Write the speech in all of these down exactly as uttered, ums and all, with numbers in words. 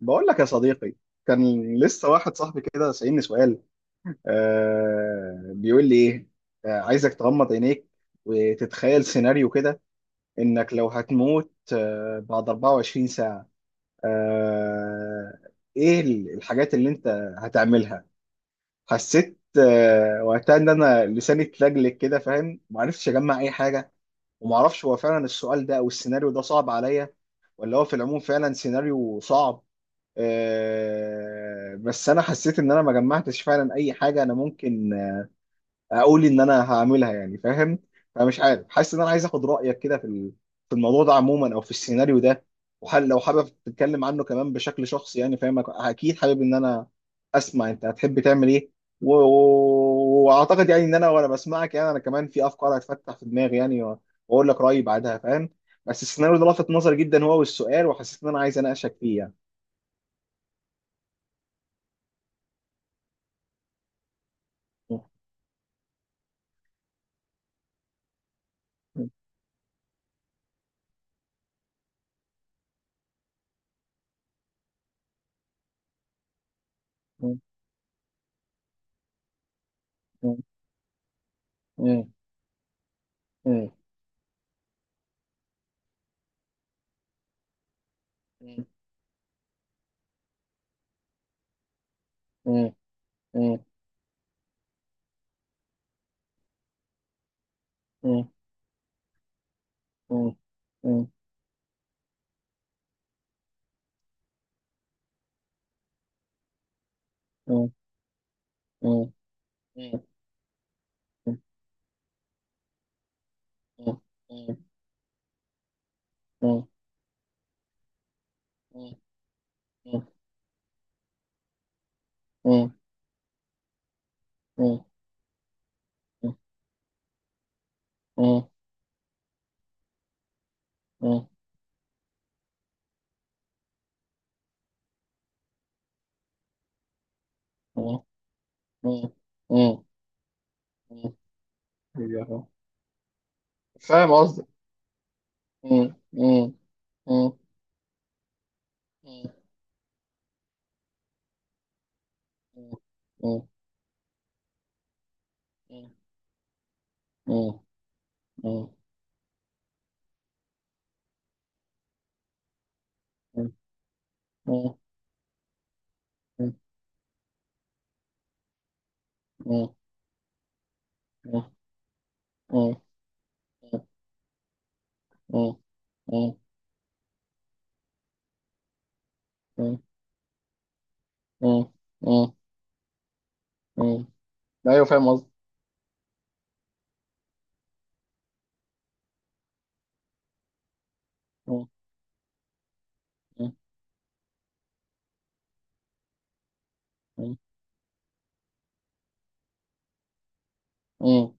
بقول لك يا صديقي. كان لسه واحد صاحبي كده سألني سؤال. آه بيقول لي ايه؟ آه عايزك تغمض عينيك وتتخيل سيناريو كده، انك لو هتموت آه بعد اربعه وعشرين ساعة. آه ايه ال- الحاجات اللي انت هتعملها؟ حسيت آه وقتها ان انا لساني اتلجلج كده، فاهم، ومعرفتش اجمع اي حاجة. ومعرفش هو فعلا السؤال ده او السيناريو ده صعب عليا، ولا هو في العموم فعلا سيناريو صعب. آه، بس انا حسيت ان انا ما جمعتش فعلا اي حاجه انا ممكن اقول ان انا هعملها، يعني فاهم. فمش عارف، حاسس ان انا عايز اخد رايك كده في ال- في الموضوع ده عموما او في السيناريو ده، وحل لو حابب تتكلم عنه كمان بشكل شخصي، يعني فاهم. اكيد حابب ان انا اسمع انت هتحب تعمل ايه، و- و- واعتقد يعني ان انا وانا بسمعك، يعني انا كمان في افكار هتفتح في دماغي يعني، و- واقول لك رايي بعدها، فاهم. بس السيناريو ده لفت نظري جدا هو والسؤال، وحسيت ان انا عايز اناقشك فيه. يعني أيوه. فاهم قصدي. ايوه فاهم قصدي. مم.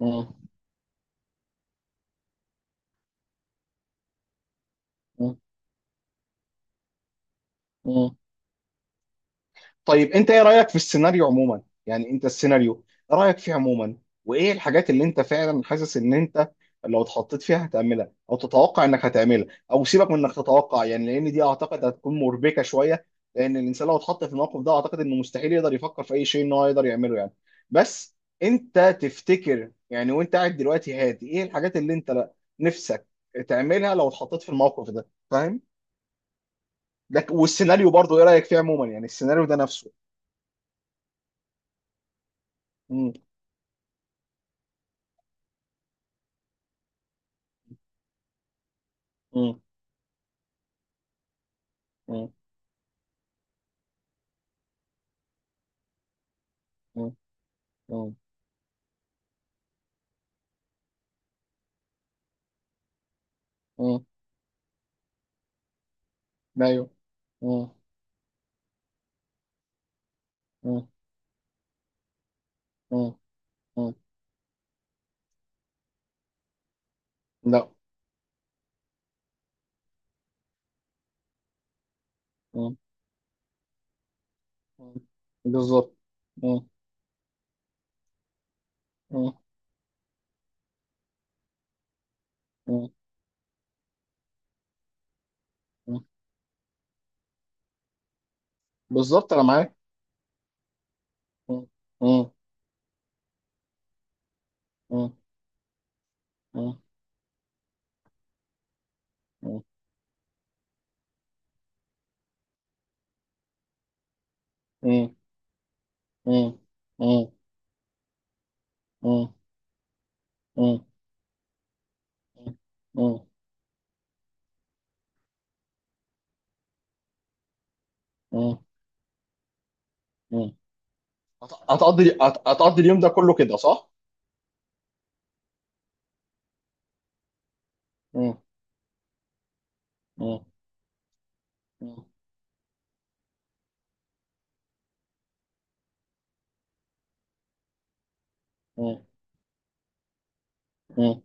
مم. مم. مم. طيب انت ايه رأيك في السيناريو عموما؟ يعني انت السيناريو رأيك فيه عموما، وايه الحاجات اللي انت فعلا حاسس ان انت لو اتحطيت فيها هتعملها او تتوقع انك هتعملها؟ او سيبك من انك تتوقع يعني، لان دي اعتقد هتكون مربكة شوية، لان الانسان لو اتحط في الموقف ده اعتقد انه مستحيل يقدر يفكر في اي شيء ان هو يقدر يعمله يعني. بس انت تفتكر يعني وانت قاعد دلوقتي هادي، ايه الحاجات اللي انت لا- نفسك تعملها لو اتحطيت في الموقف ده، فاهم؟ ده ك- والسيناريو برضو ايه رايك فيه عموما يعني؟ السيناريو ده نفسه. مم. مم. مم. مم. مم. مم. ايوه. مم. مم. مم. مم. لا. مم. مم. بالظبط. مم. مم. مم. مم. بالظبط انا معاك. مم. مم. مم. مم. مم. مم. مم. مم. مم. مم. مم. مم. مم. هت- هتقضي هت- هتقضي اليوم ده كله كده صح؟ مم. مم. مم. مم.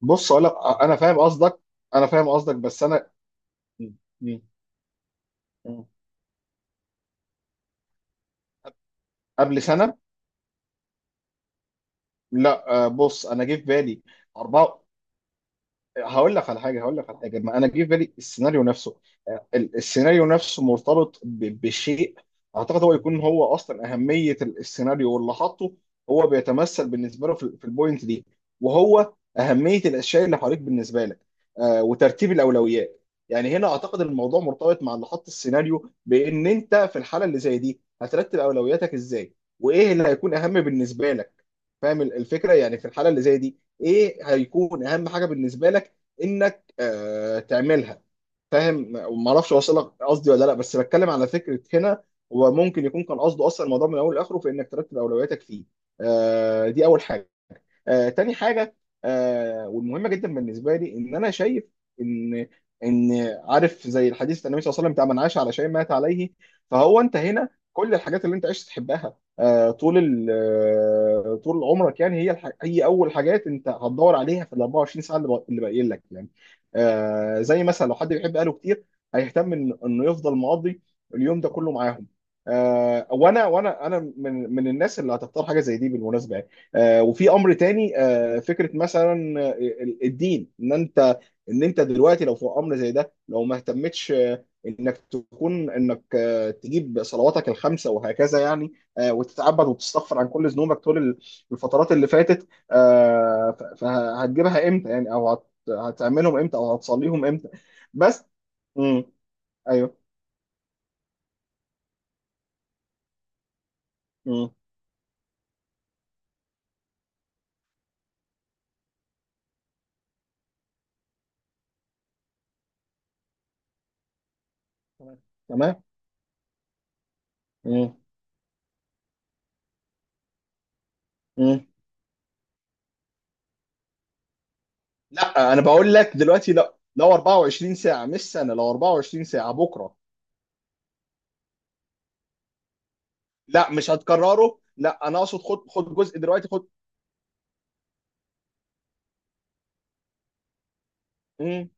بص اقول لك. انا فاهم قصدك. انا فاهم قصدك بس انا. م- م- م. قبل سنه؟ لا، آه، بص انا جه في بالي اربعه. هقول لك على حاجه، هقول لك على حاجه، ما انا جه في بالي السيناريو نفسه. آه، ال- السيناريو نفسه مرتبط ب- بشيء، اعتقد هو يكون هو اصلا اهميه ال- السيناريو، واللي حاطه هو بيتمثل بالنسبه له في في البوينت دي، وهو اهميه الاشياء اللي حواليك بالنسبه لك، آه، وترتيب الاولويات. يعني هنا اعتقد الموضوع مرتبط مع اللي حط السيناريو بان انت في الحاله اللي زي دي هترتب اولوياتك ازاي، وايه اللي هيكون اهم بالنسبه لك. فاهم ال- الفكره؟ يعني في الحاله اللي زي دي ايه هيكون اهم حاجه بالنسبه لك انك آه، تعملها، فاهم؟ ما اعرفش اوصلك قصدي ولا لا، بس بتكلم على فكره هنا. هو ممكن يكون كان قصده اصلا الموضوع من اول لاخره في انك ترتب اولوياتك فيه. آه، دي اول حاجه. آه تاني حاجه، آه والمهمه جدا بالنسبه لي، ان انا شايف ان ان عارف زي الحديث النبي صلى الله عليه وسلم بتاع من عاش على شيء مات عليه. فهو انت هنا كل الحاجات اللي انت عشت تحبها، آه طول ال- آه، طول عمرك يعني، هي الح... هي اول حاجات انت هتدور عليها في ال اربعه وعشرين ساعه اللي بق- اللي باقيين لك يعني. آه زي مثلا لو حد بيحب اهله كتير، هيهتم ان انه يفضل مقضي اليوم ده كله معاهم. آه وانا وانا انا من من الناس اللي هتختار حاجه زي دي بالمناسبه يعني. آه، وفي امر تاني، آه، فكره مثلا آه، ال- الدين، ان انت ان انت دلوقتي لو في امر زي ده، لو ما اهتمتش آه، انك تكون انك آه، تجيب صلواتك الخمسه وهكذا يعني، آه، وتتعبد وتستغفر عن كل ذنوبك طول ال- الفترات اللي فاتت، آه، ف- فهتجيبها امتى يعني؟ او هت- هتعملهم امتى؟ او هتصليهم امتى؟ بس. امم. ايوه. امم. تمام. امم. لا انا بقول لك دلوقتي، لا، لو اربعه وعشرين ساعه مش سنه، لو اربع وعشرين ساعه بكره. لا مش هتكرره، لا انا اقصد خد خد جزء دلوقتي، خد. امم.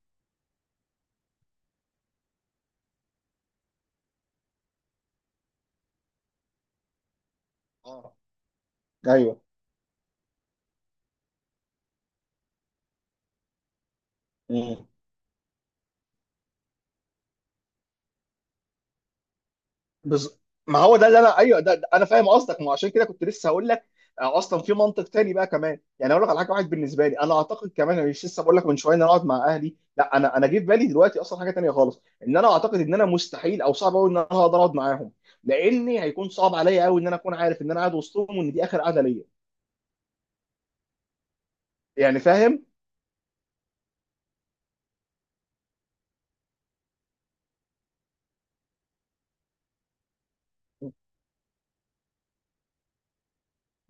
اه. ايوه. بز... ما هو ده اللي انا، ايوه ده ده- انا فاهم قصدك. ما هو عشان كده كنت لسه هقول لك، آه، اصلا في منطق تاني بقى كمان يعني. اقول لك على حاجه واحد، بالنسبه لي انا اعتقد كمان، أنا مش لسه بقول لك من شويه ان انا اقعد مع اهلي؟ لا، انا انا جه في بالي دلوقتي اصلا حاجه تانيه خالص، ان انا اعتقد ان انا مستحيل او صعب قوي ان انا هقدر اقعد معاهم، لاني هيكون صعب عليا قوي ان انا اكون عارف ان انا قاعد وسطهم وان دي اخر قعده ليا، يعني فاهم.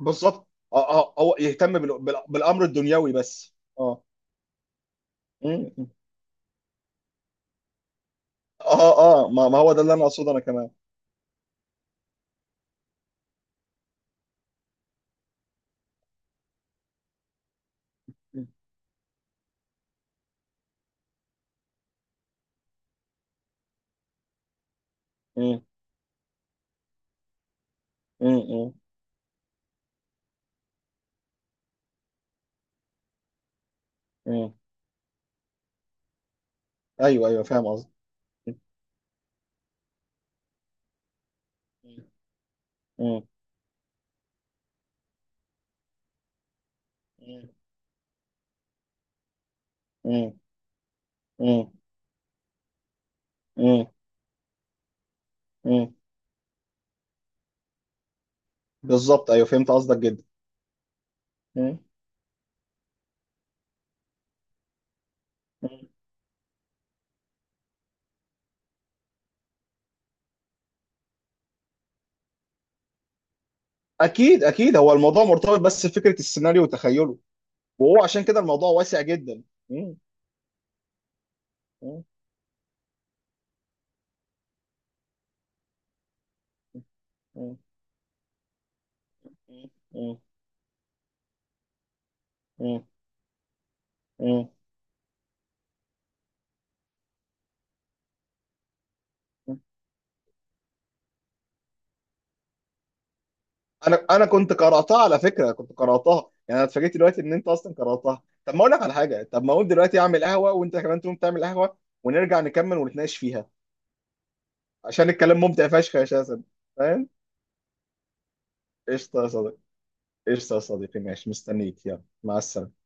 بالظبط. اه اه، هو يهتم بال... بال... بالامر الدنيوي بس. اه. م- م. اه اه، ما ما هو ده اللي انا اقصده انا كمان. م- م- م. مم. ايوه ايوه فاهم قصدي. مم. مم. مم. مم. مم. مم. بالظبط ايوه فهمت قصدك جدا. مم. مم. اكيد اكيد، هو الموضوع مرتبط بس بفكره السيناريو وتخيله، وهو عشان كده الموضوع واسع جدا. مم. مم. مم. مم. مم. مم. انا انا كنت قراتها على فكره، كنت قراتها يعني، انا اتفاجئت دلوقتي ان انت اصلا قراتها. طب ما اقول لك على حاجه، طب ما اقول دلوقتي اعمل قهوه وانت كمان تقوم تعمل قهوه، ونرجع نكمل ونتناقش فيها، عشان الكلام ممتع فشخ يا شاسم، فاهم. قشطة يا صديقي. قشطة يا صديقي، ماشي، مستنيك، يلا مع السلامة.